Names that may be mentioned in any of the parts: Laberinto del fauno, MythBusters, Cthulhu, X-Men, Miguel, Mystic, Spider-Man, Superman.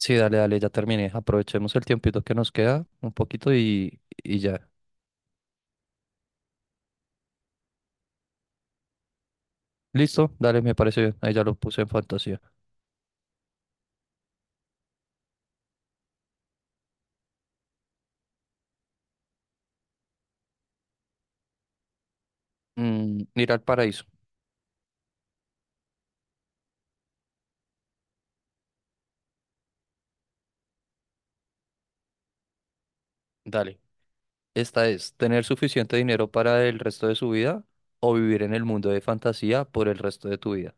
Sí, dale, dale, ya terminé. Aprovechemos el tiempito que nos queda un poquito y ya. Listo, dale, me parece bien. Ahí ya lo puse en fantasía. Mm, ir al paraíso. Dale. Esta es tener suficiente dinero para el resto de su vida o vivir en el mundo de fantasía por el resto de tu vida.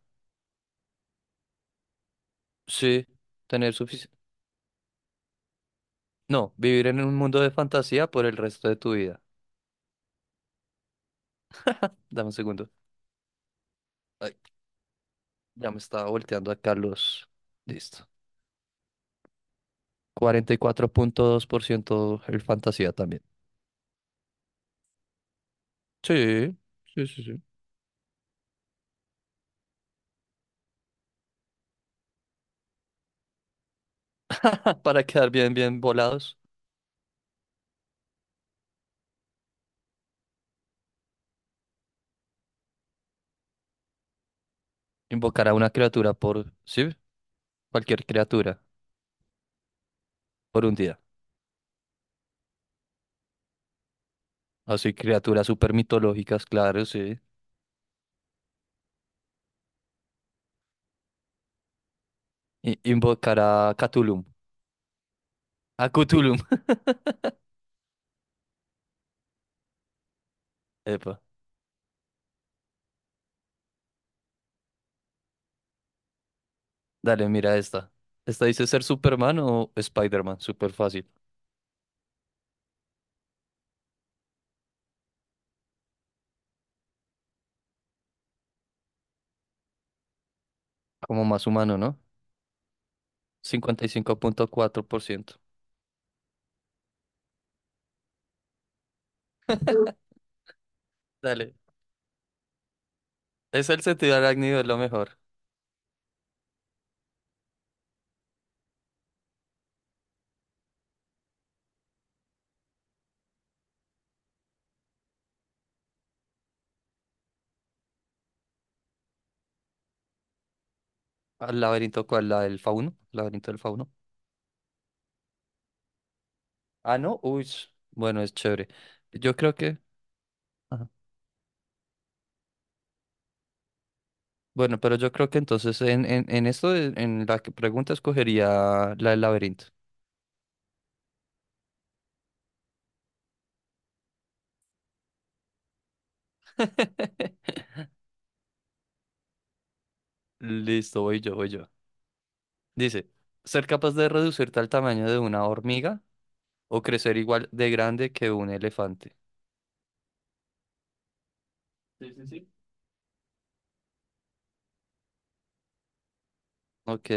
Sí, tener suficiente. No, vivir en un mundo de fantasía por el resto de tu vida. Dame un segundo. Ay, ya me estaba volteando a Carlos. Listo. 44,2% el fantasía también. Sí, sí, sí, sí. Para quedar bien, bien volados, invocar a una criatura por, sí, cualquier criatura por un día. Así, criaturas super mitológicas, claro, sí. Invocar a Cthulhu. A Cthulhu. Epa, dale, mira esta. Esta dice ser Superman o Spider-Man, súper fácil. Como más humano, ¿no? 55,4%. Dale. Es el sentido arácnido, es lo mejor. ¿Al laberinto cuál? ¿La del fauno? ¿Laberinto del fauno? Ah, no. Uy, bueno, es chévere. Yo creo que. Bueno, pero yo creo que entonces en esto, en la que pregunta, escogería la del laberinto. Listo, voy yo, voy yo. Dice, ser capaz de reducirte al tamaño de una hormiga o crecer igual de grande que un elefante. Sí, sí, sí. Ok,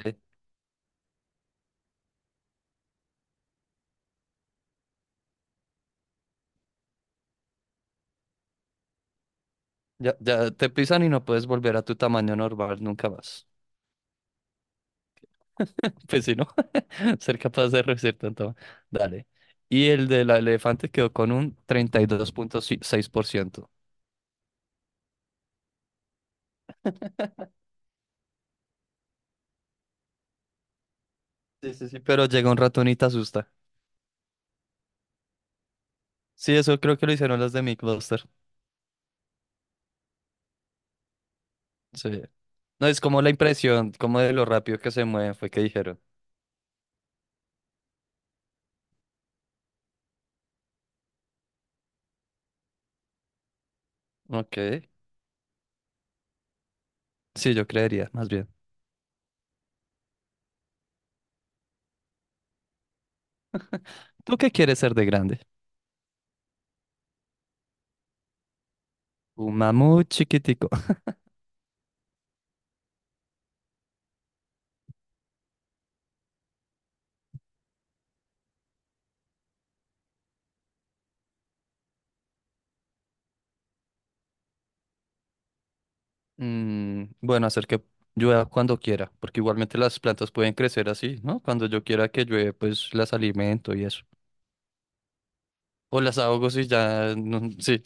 ya, ya te pisan y no puedes volver a tu tamaño normal nunca más. Pues si, ¿no? Ser capaz de reducir tanto. Dale. Y el del elefante quedó con un 32,6%. Sí, sí, sí. Pero llega un ratón y te asusta. Sí, eso creo que lo hicieron los de MythBusters. Sí. No, es como la impresión, como de lo rápido que se mueven, fue que dijeron. Ok. Sí, yo creería, más bien. ¿Tú qué quieres ser de grande? Un mamut chiquitico. Mm, bueno, hacer que llueva cuando quiera, porque igualmente las plantas pueden crecer así, ¿no? Cuando yo quiera que llueve, pues las alimento y eso. O las ahogo si ya... sí.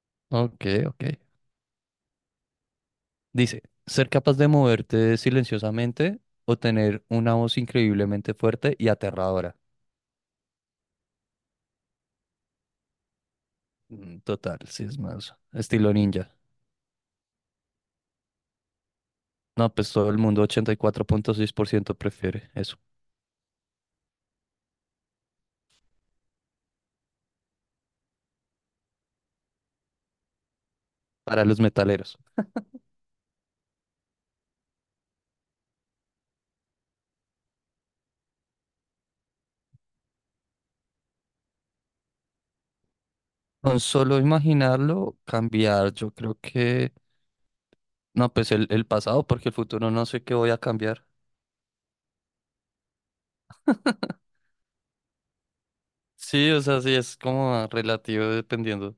Ok, ok. Dice, ser capaz de moverte silenciosamente o tener una voz increíblemente fuerte y aterradora. Mm, total, sí, es más estilo ninja. No, pues todo el mundo, 84,6% prefiere eso. Para los metaleros. Con solo imaginarlo, cambiar, yo creo que... No, pues el pasado, porque el futuro no sé qué voy a cambiar. Sí, o sea, sí, es como relativo dependiendo.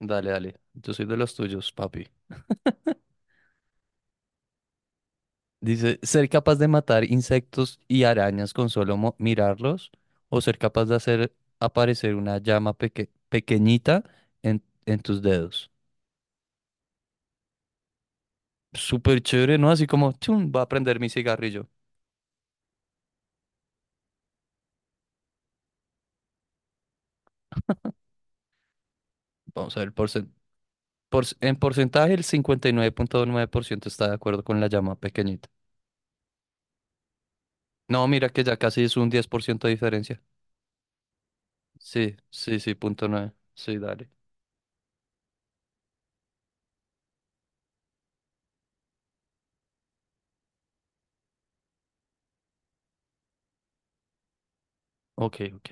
Dale, dale. Yo soy de los tuyos, papi. Dice, ser capaz de matar insectos y arañas con solo mirarlos o ser capaz de hacer aparecer una llama pequeñita en tus dedos. Súper chévere, ¿no? Así como, chum, va a prender mi cigarrillo. Vamos a ver, en porcentaje el 59,9% está de acuerdo con la llama pequeñita. No, mira que ya casi es un 10% de diferencia. Sí, sí, sí, punto nueve. Sí, dale. Ok, ok.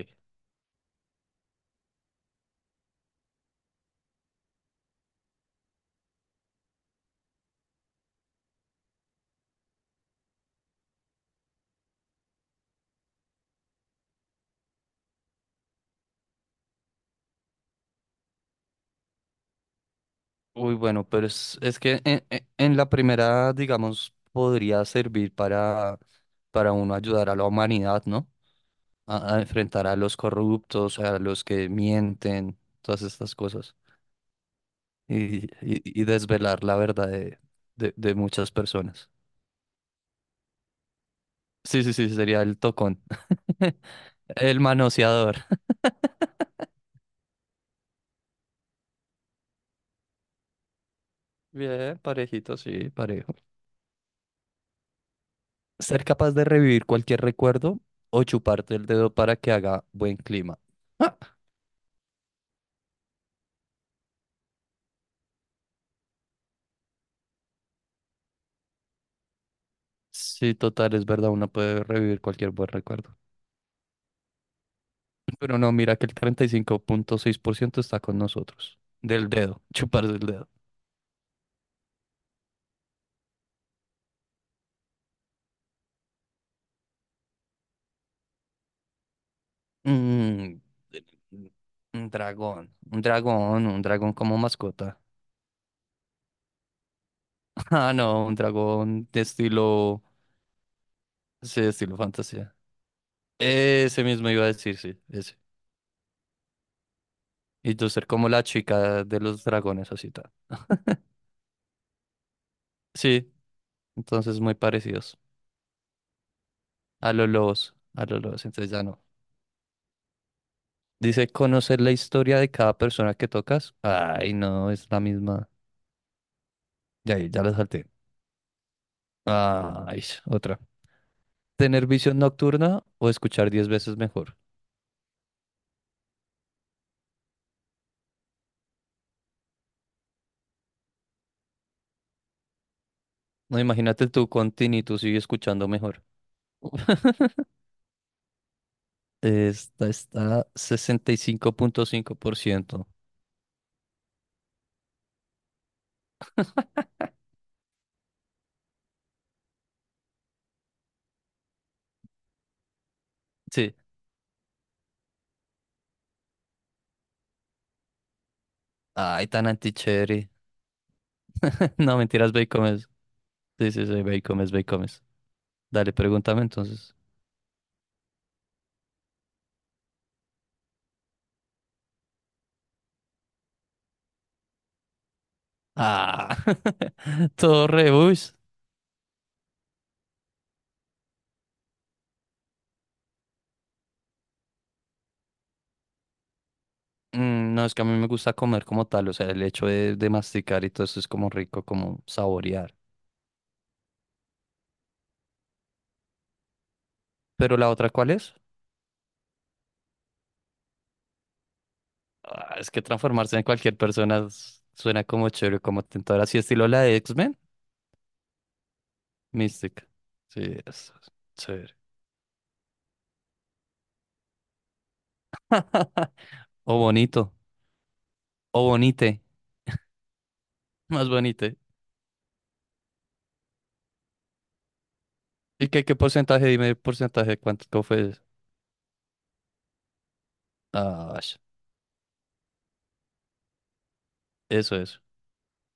Uy, bueno, pero es que en la primera, digamos, podría servir para uno ayudar a la humanidad, ¿no? A enfrentar a los corruptos, a los que mienten, todas estas cosas. y, y- y desvelar la verdad de, de muchas personas. Sí, sí, sí, sería el tocón. El manoseador. Bien, parejito, sí, parejo. Ser capaz de revivir cualquier recuerdo o chuparte el dedo para que haga buen clima. Ah, sí, total, es verdad, uno puede revivir cualquier buen recuerdo. Pero no, mira que el 35.6% está con nosotros. Del dedo, chuparse el dedo. Mm, un dragón, un dragón, un dragón como mascota. Ah, no, un dragón de estilo, sí, de estilo fantasía. Ese mismo iba a decir, sí, ese. Y tú ser como la chica de los dragones, así tal. Sí, entonces muy parecidos a los lobos, entonces ya no. Dice conocer la historia de cada persona que tocas. Ay, no, es la misma. Ya, ahí, ya la salté. Ay, otra. ¿Tener visión nocturna o escuchar 10 veces mejor? No, imagínate tú con tinnitus y escuchando mejor. Esta está 65.5%. Sí. Ay, tan anticheri. No, mentiras, ve y comes. Sí, sí, sí, ve y comes, ve y comes. Dale, pregúntame entonces. Ah, todo rebus. Mm, no, es que a mí me gusta comer como tal, o sea, el hecho de masticar y todo eso es como rico, como saborear. Pero la otra, ¿cuál es? Ah, es que transformarse en cualquier persona suena como chévere, como tentador, así estilo la de X-Men. Mystic. Sí, es chévere. O bonito. O Bonite, más Bonite. ¿Y qué, qué porcentaje? Dime el porcentaje, cuánto, cómo fue eso. Ah, eso, eso,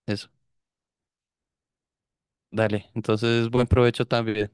eso. Dale, entonces buen provecho también.